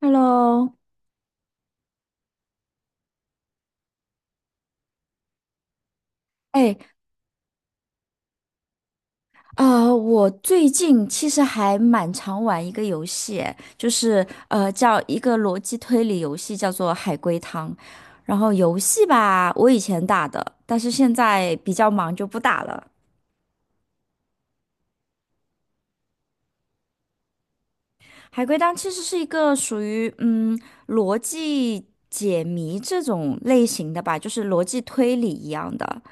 Hello，哎，我最近其实还蛮常玩一个游戏，就是叫一个逻辑推理游戏，叫做海龟汤。然后游戏吧，我以前打的，但是现在比较忙就不打了。海龟汤其实是一个属于逻辑解谜这种类型的吧，就是逻辑推理一样的。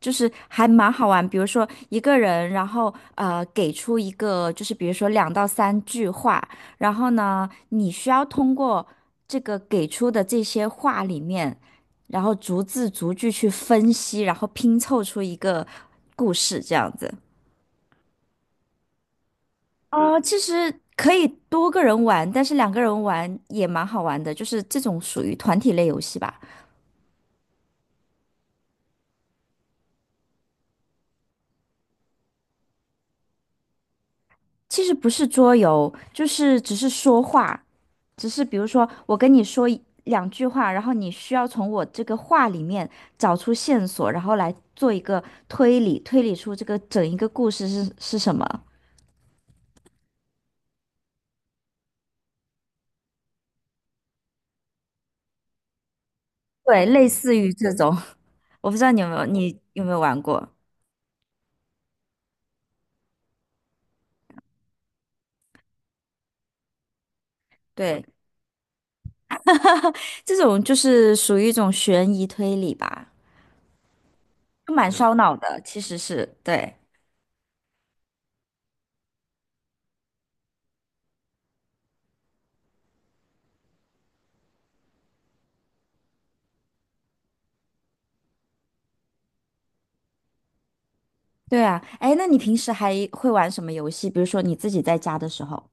就是还蛮好玩，比如说一个人，然后给出一个，就是比如说两到三句话，然后呢，你需要通过这个给出的这些话里面，然后逐字逐句去分析，然后拼凑出一个故事这样子。哦，其实可以多个人玩，但是两个人玩也蛮好玩的，就是这种属于团体类游戏吧。其实不是桌游，就是只是说话，只是比如说我跟你说一两句话，然后你需要从我这个话里面找出线索，然后来做一个推理，推理出这个整一个故事是什么。对，类似于这种，我不知道你有没有玩过？对，这种就是属于一种悬疑推理吧，就蛮烧脑的，其实是对。对啊，哎，那你平时还会玩什么游戏？比如说你自己在家的时候，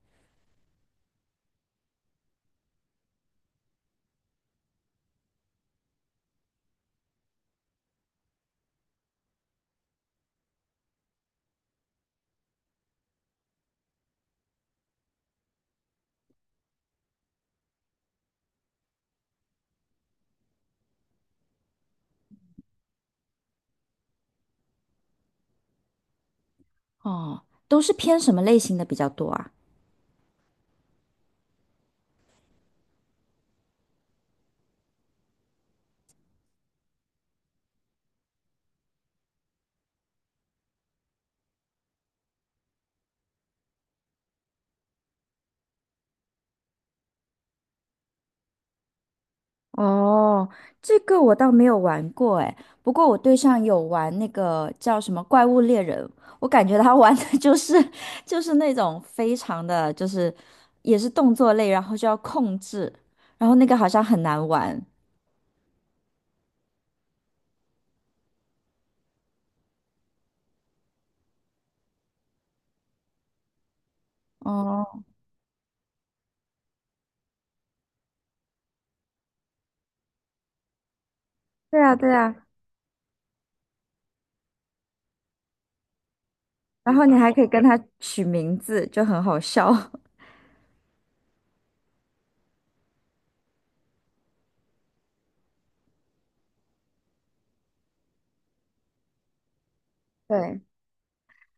哦，都是偏什么类型的比较多啊？哦，这个我倒没有玩过哎，不过我对象有玩那个叫什么《怪物猎人》，我感觉他玩的 就是那种非常的就是也是动作类，然后就要控制，然后那个好像很难玩。哦，对啊对啊，然后你还可以跟他取名字，就很好笑。对。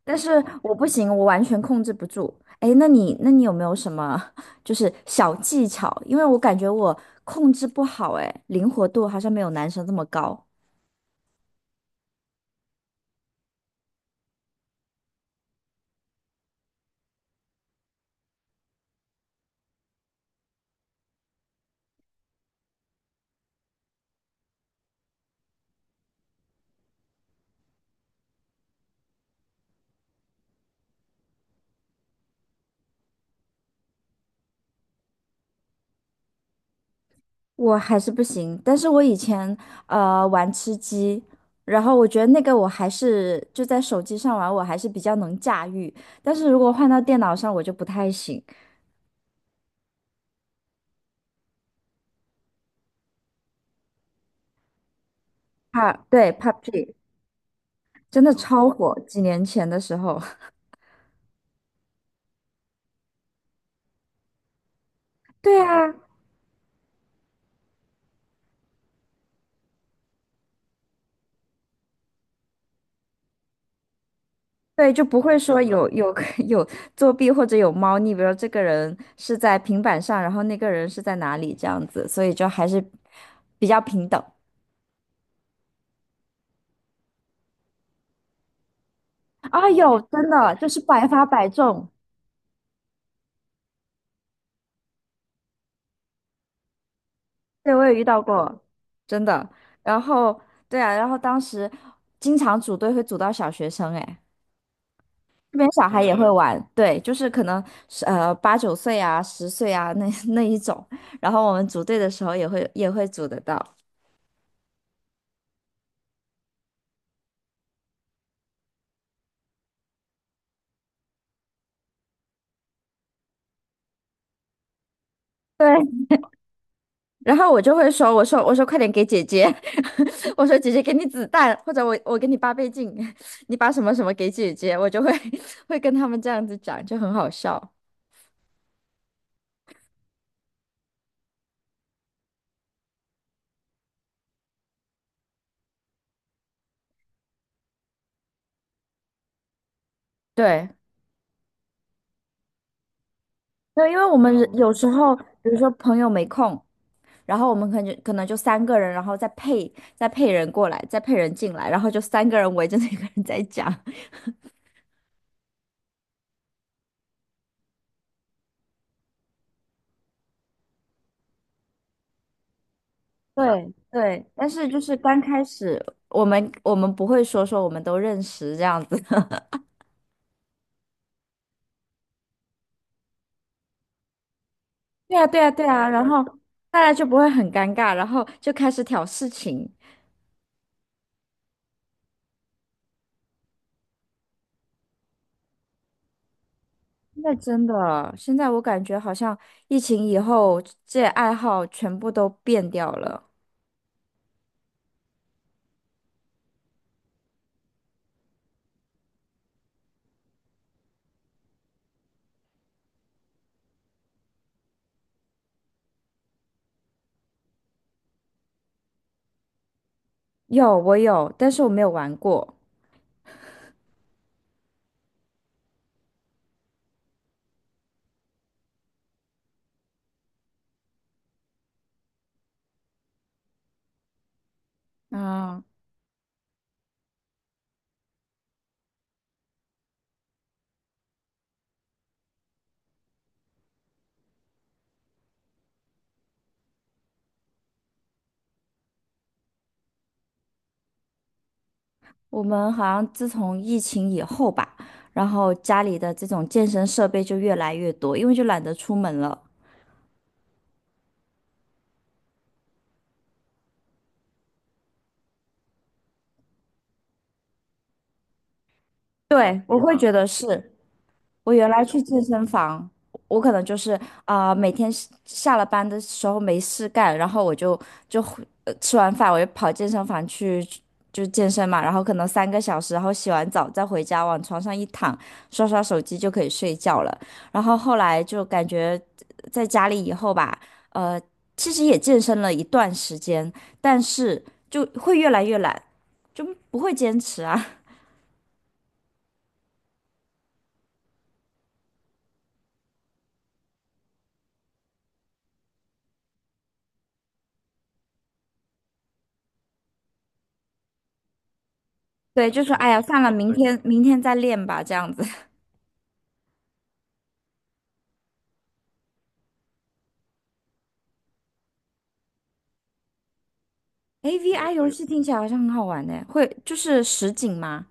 但是我不行，我完全控制不住。哎，那你有没有什么 就是小技巧？因为我感觉我控制不好，哎，灵活度好像没有男生这么高，我还是不行。但是我以前玩吃鸡，然后我觉得那个我还是就在手机上玩，我还是比较能驾驭。但是如果换到电脑上，我就不太行。啊，对，PUBG 真的超火，几年前的时候。对啊，对，就不会说有 有作弊或者有猫腻，比如说这个人是在平板上，然后那个人是在哪里这样子，所以就还是比较平等。啊，有，真的就是百发百中，对，我也遇到过，真的。然后对啊，然后当时经常组队会组到小学生，哎，这边小孩也会玩，对，就是可能是8、9岁啊、10岁啊那一种，然后我们组队的时候也会组得到。对，然后我就会说，我说快点给姐姐，我说姐姐给你子弹，或者我给你8倍镜，你把什么什么给姐姐，我就会 会跟他们这样子讲，就很好笑。对，对，因为我们人哦有时候，比如说朋友没空，然后我们可能就三个人，然后再配人过来，再配人进来，然后就三个人围着那个人在讲。对对，但是就是刚开始我们不会说我们都认识这样子。对啊，对啊，对啊，然后大家就不会很尴尬，然后就开始挑事情。那真的，现在我感觉好像疫情以后，这爱好全部都变掉了。有，我有，但是我没有玩过。嗯，我们好像自从疫情以后吧，然后家里的这种健身设备就越来越多，因为就懒得出门了。对，我会觉得是。我原来去健身房，我可能就是啊、每天是下了班的时候没事干，然后我就回吃完饭我就跑健身房去就健身嘛，然后可能3个小时，然后洗完澡再回家往床上一躺，刷刷手机就可以睡觉了。然后后来就感觉在家里以后吧，呃，其实也健身了一段时间，但是就会越来越懒，就不会坚持啊。对，就说哎呀，算了，明天明天再练吧，这样子。诶 VR 游戏听起来好像很好玩呢，会就是实景吗？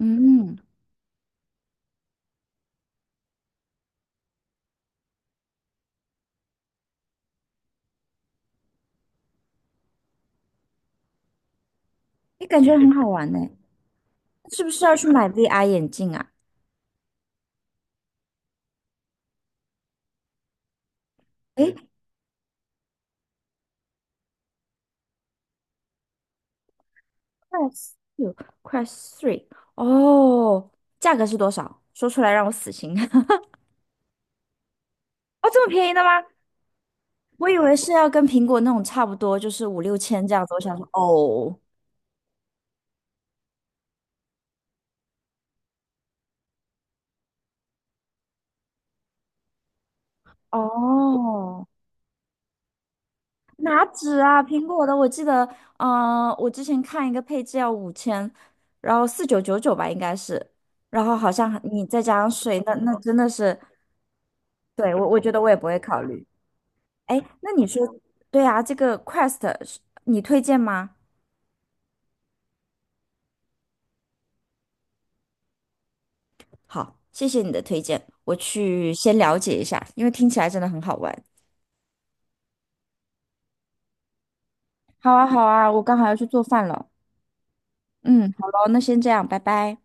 嗯，诶，感觉很好玩呢，是不是要去买 VR 眼镜啊？诶 Quest 3，哦，价格是多少？说出来让我死心。哦，这么便宜的吗？我以为是要跟苹果那种差不多，就是五六千这样子。我想说，哦，哦，哪止啊？苹果的我记得，嗯、我之前看一个配置要5000，然后4999吧，应该是，然后好像还你再加上税，那那真的是，对，我觉得我也不会考虑。哎，那你说，对啊，这个 Quest 是你推荐吗？好，谢谢你的推荐，我去先了解一下，因为听起来真的很好玩。好啊，好啊，我刚好要去做饭了。嗯，好咯，那先这样，拜拜。